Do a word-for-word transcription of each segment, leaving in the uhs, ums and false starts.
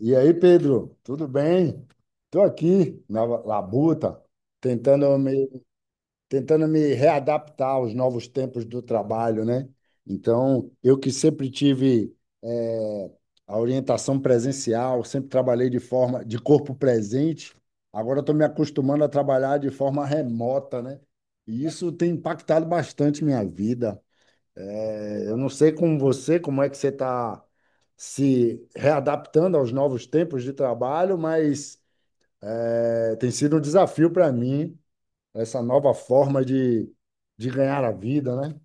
E aí, Pedro, tudo bem? Estou aqui na labuta, tentando me, tentando me readaptar aos novos tempos do trabalho, né? Então, eu que sempre tive eh, a orientação presencial, sempre trabalhei de forma de corpo presente, agora estou me acostumando a trabalhar de forma remota, né? E isso tem impactado bastante minha vida. É, eu não sei com você, como é que você está se readaptando aos novos tempos de trabalho, mas é, tem sido um desafio para mim essa nova forma de, de ganhar a vida, né?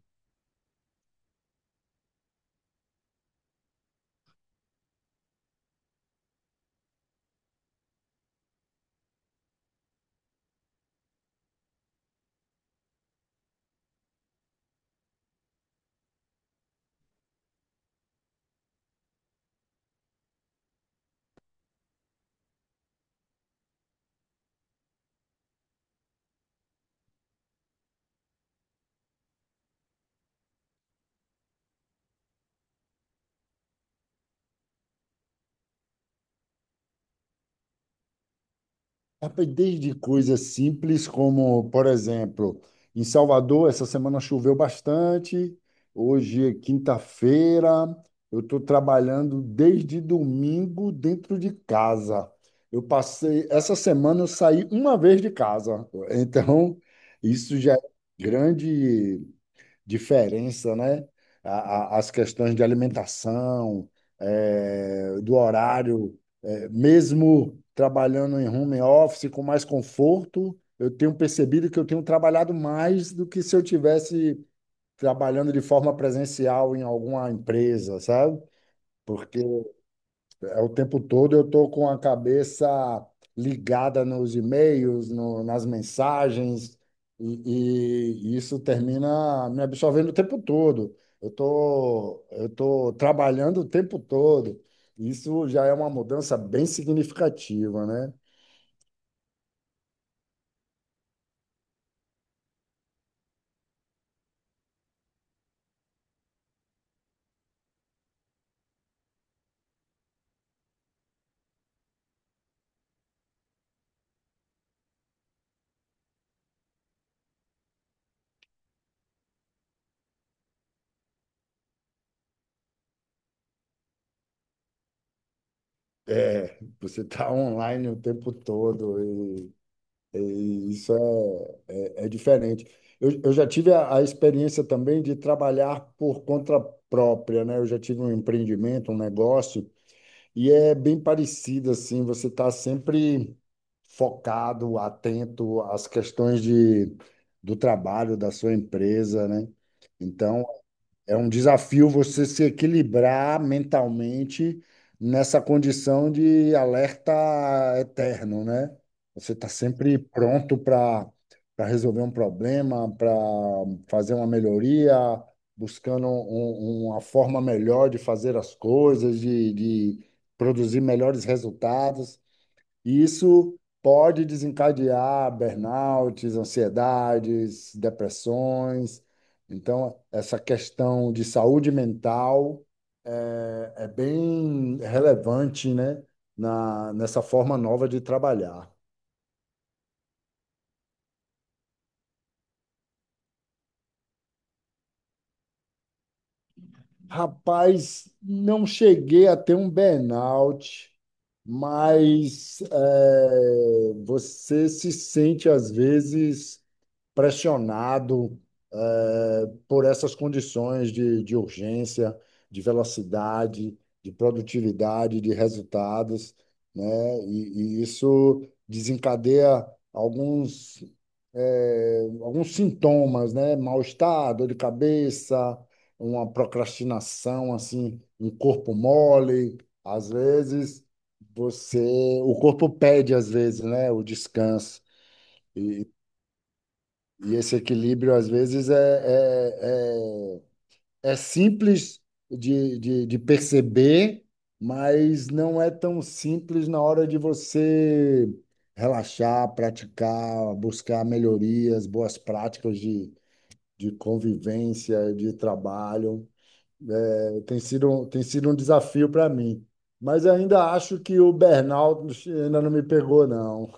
Rapaz, desde coisas simples como, por exemplo, em Salvador, essa semana choveu bastante, hoje é quinta-feira, eu estou trabalhando desde domingo dentro de casa. Eu passei, essa semana eu saí uma vez de casa, então isso já é grande, diferença, né? A- a- As questões de alimentação, eh, do horário, eh, mesmo trabalhando em home office com mais conforto, eu tenho percebido que eu tenho trabalhado mais do que se eu tivesse trabalhando de forma presencial em alguma empresa, sabe? Porque é, o tempo todo eu estou com a cabeça ligada nos e-mails, no- nas mensagens, e, e isso termina me absorvendo o tempo todo. Eu tô, eu tô trabalhando o tempo todo. Isso já é uma mudança bem significativa, né? É, você está online o tempo todo, e, e isso é. É diferente. Eu, eu já tive a, a experiência também de trabalhar por conta própria, né? Eu já tive um empreendimento, um negócio, e é bem parecido assim, você está sempre focado, atento às questões de, do trabalho da sua empresa, né? Então, é um desafio você se equilibrar mentalmente nessa condição de alerta eterno, né? Você está sempre pronto para para resolver um problema, para fazer uma melhoria, buscando um- uma forma melhor de fazer as coisas, de, de produzir melhores resultados. E isso pode desencadear burnouts, ansiedades, depressões. Então, essa questão de saúde mental é, é bem relevante, né? Na, nessa forma nova de trabalhar. Rapaz, não cheguei a ter um burnout, mas é, você se sente às vezes pressionado eh, por essas condições de, de urgência, de velocidade, de produtividade, de resultados, né? E, e isso desencadeia alguns, eh, alguns sintomas, né? Mal-estar, dor de cabeça, uma procrastinação, assim, um corpo mole, às vezes. Você, o corpo pede às vezes, né, o descanso. E e esse equilíbrio, às vezes, é, é, é, é simples de, de, de perceber, mas não é tão simples na hora de você relaxar, praticar, buscar melhorias, boas práticas de, de convivência, de trabalho. É, tem sido, um- tem sido um desafio para mim. Mas ainda acho que o burnout ainda não me pegou, não.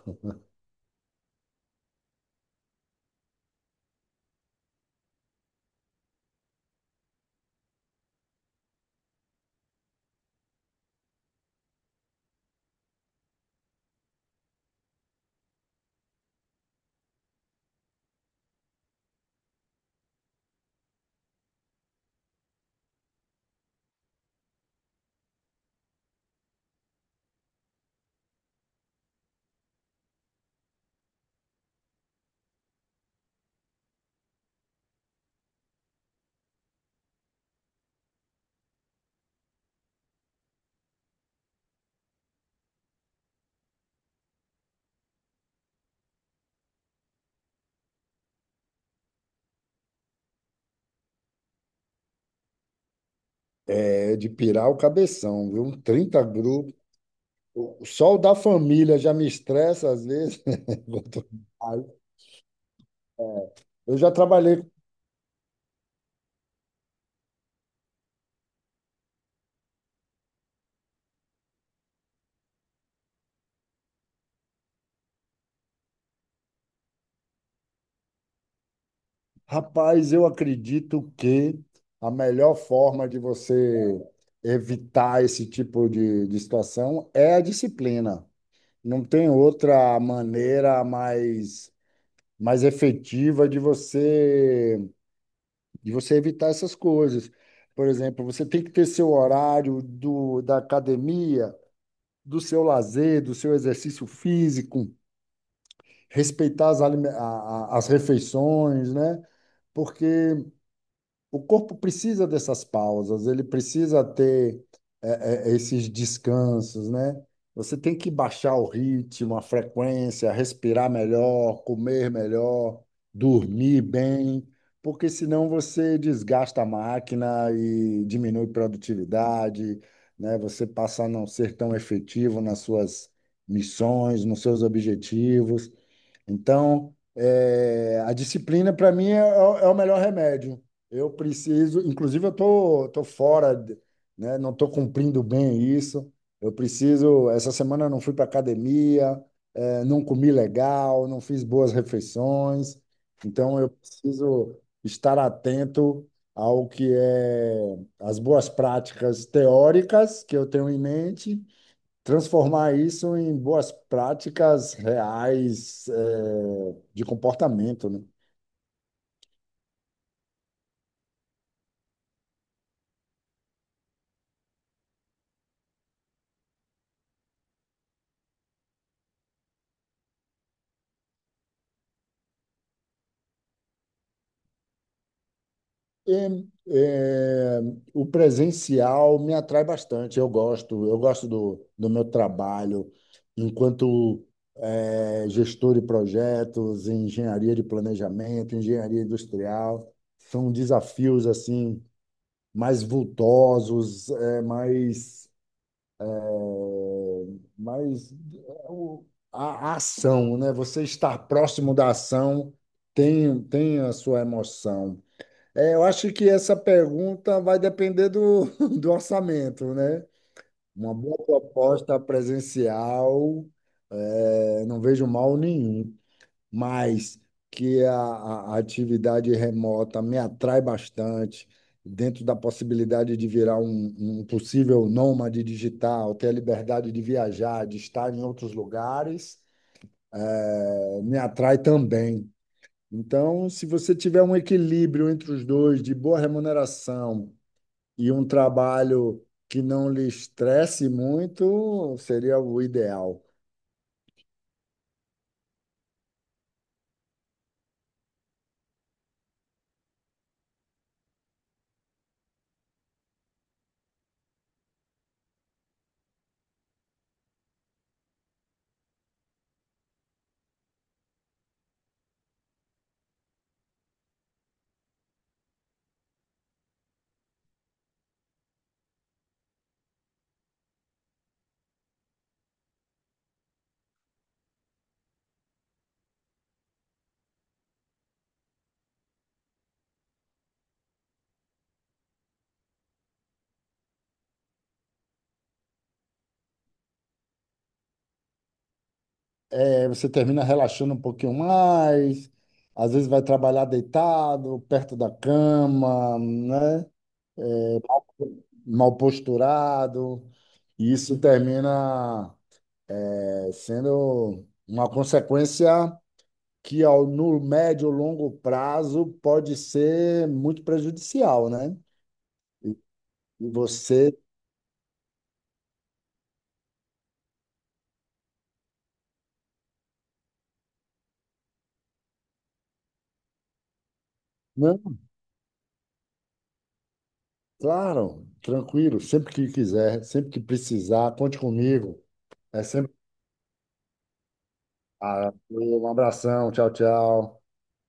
É de pirar o cabeção, viu? Um trinta grupos o sol da família já me estressa às vezes. Eu já trabalhei. Rapaz, eu acredito que a melhor forma de você evitar esse tipo de, de situação é a disciplina. Não tem outra maneira mais, mais efetiva de você, de você evitar essas coisas. Por exemplo, você tem que ter seu horário do, da academia, do seu lazer, do seu exercício físico. Respeitar as, alime- a- a- as refeições, né? Porque o corpo precisa dessas pausas, ele precisa ter é, é, esses descansos, né? Você tem que baixar o ritmo, a frequência, respirar melhor, comer melhor, dormir bem, porque senão você desgasta a máquina e diminui produtividade, né? Você passa a não ser tão efetivo nas suas missões, nos seus objetivos. Então, é, a disciplina para mim é, é o melhor remédio. Eu preciso, inclusive eu tô, tô fora, de- Né? Não estou cumprindo bem isso. Eu preciso. Essa semana eu não fui para academia, é, não comi legal, não fiz boas refeições. Então eu preciso estar atento ao que é as boas práticas teóricas que eu tenho em mente transformar isso em boas práticas reais, eh, de comportamento, né? E, eh, o presencial me atrai bastante. Eu gosto, eu gosto do, do meu trabalho enquanto eh, gestor de projetos, em engenharia de planejamento, engenharia industrial. São desafios assim mais vultosos, eh, mais Mas é, o- a a ação, né? Você estar próximo da ação tem, tem a sua emoção. É, eu acho que essa pergunta vai depender do, do orçamento, né? Uma boa proposta presencial, é, não vejo mal nenhum mas que a, a- a atividade remota me atrai bastante, dentro da possibilidade de virar um, um possível nômade digital, ter a liberdade de viajar, de estar em outros lugares, eh, me atrai também. Então, se você tiver um equilíbrio entre os dois, de boa remuneração e um trabalho que não lhe estresse muito, seria o ideal. Aí você termina relaxando um pouquinho mais, às vezes vai trabalhar deitado, perto da cama, né? Mal posturado, e isso termina eh, sendo uma consequência que ao, no médio e longo prazo pode ser muito prejudicial, né? E você, não, claro, tranquilo, sempre que quiser, sempre que precisar, conte comigo. É sempre. Ah, um abração, tchau, tchau.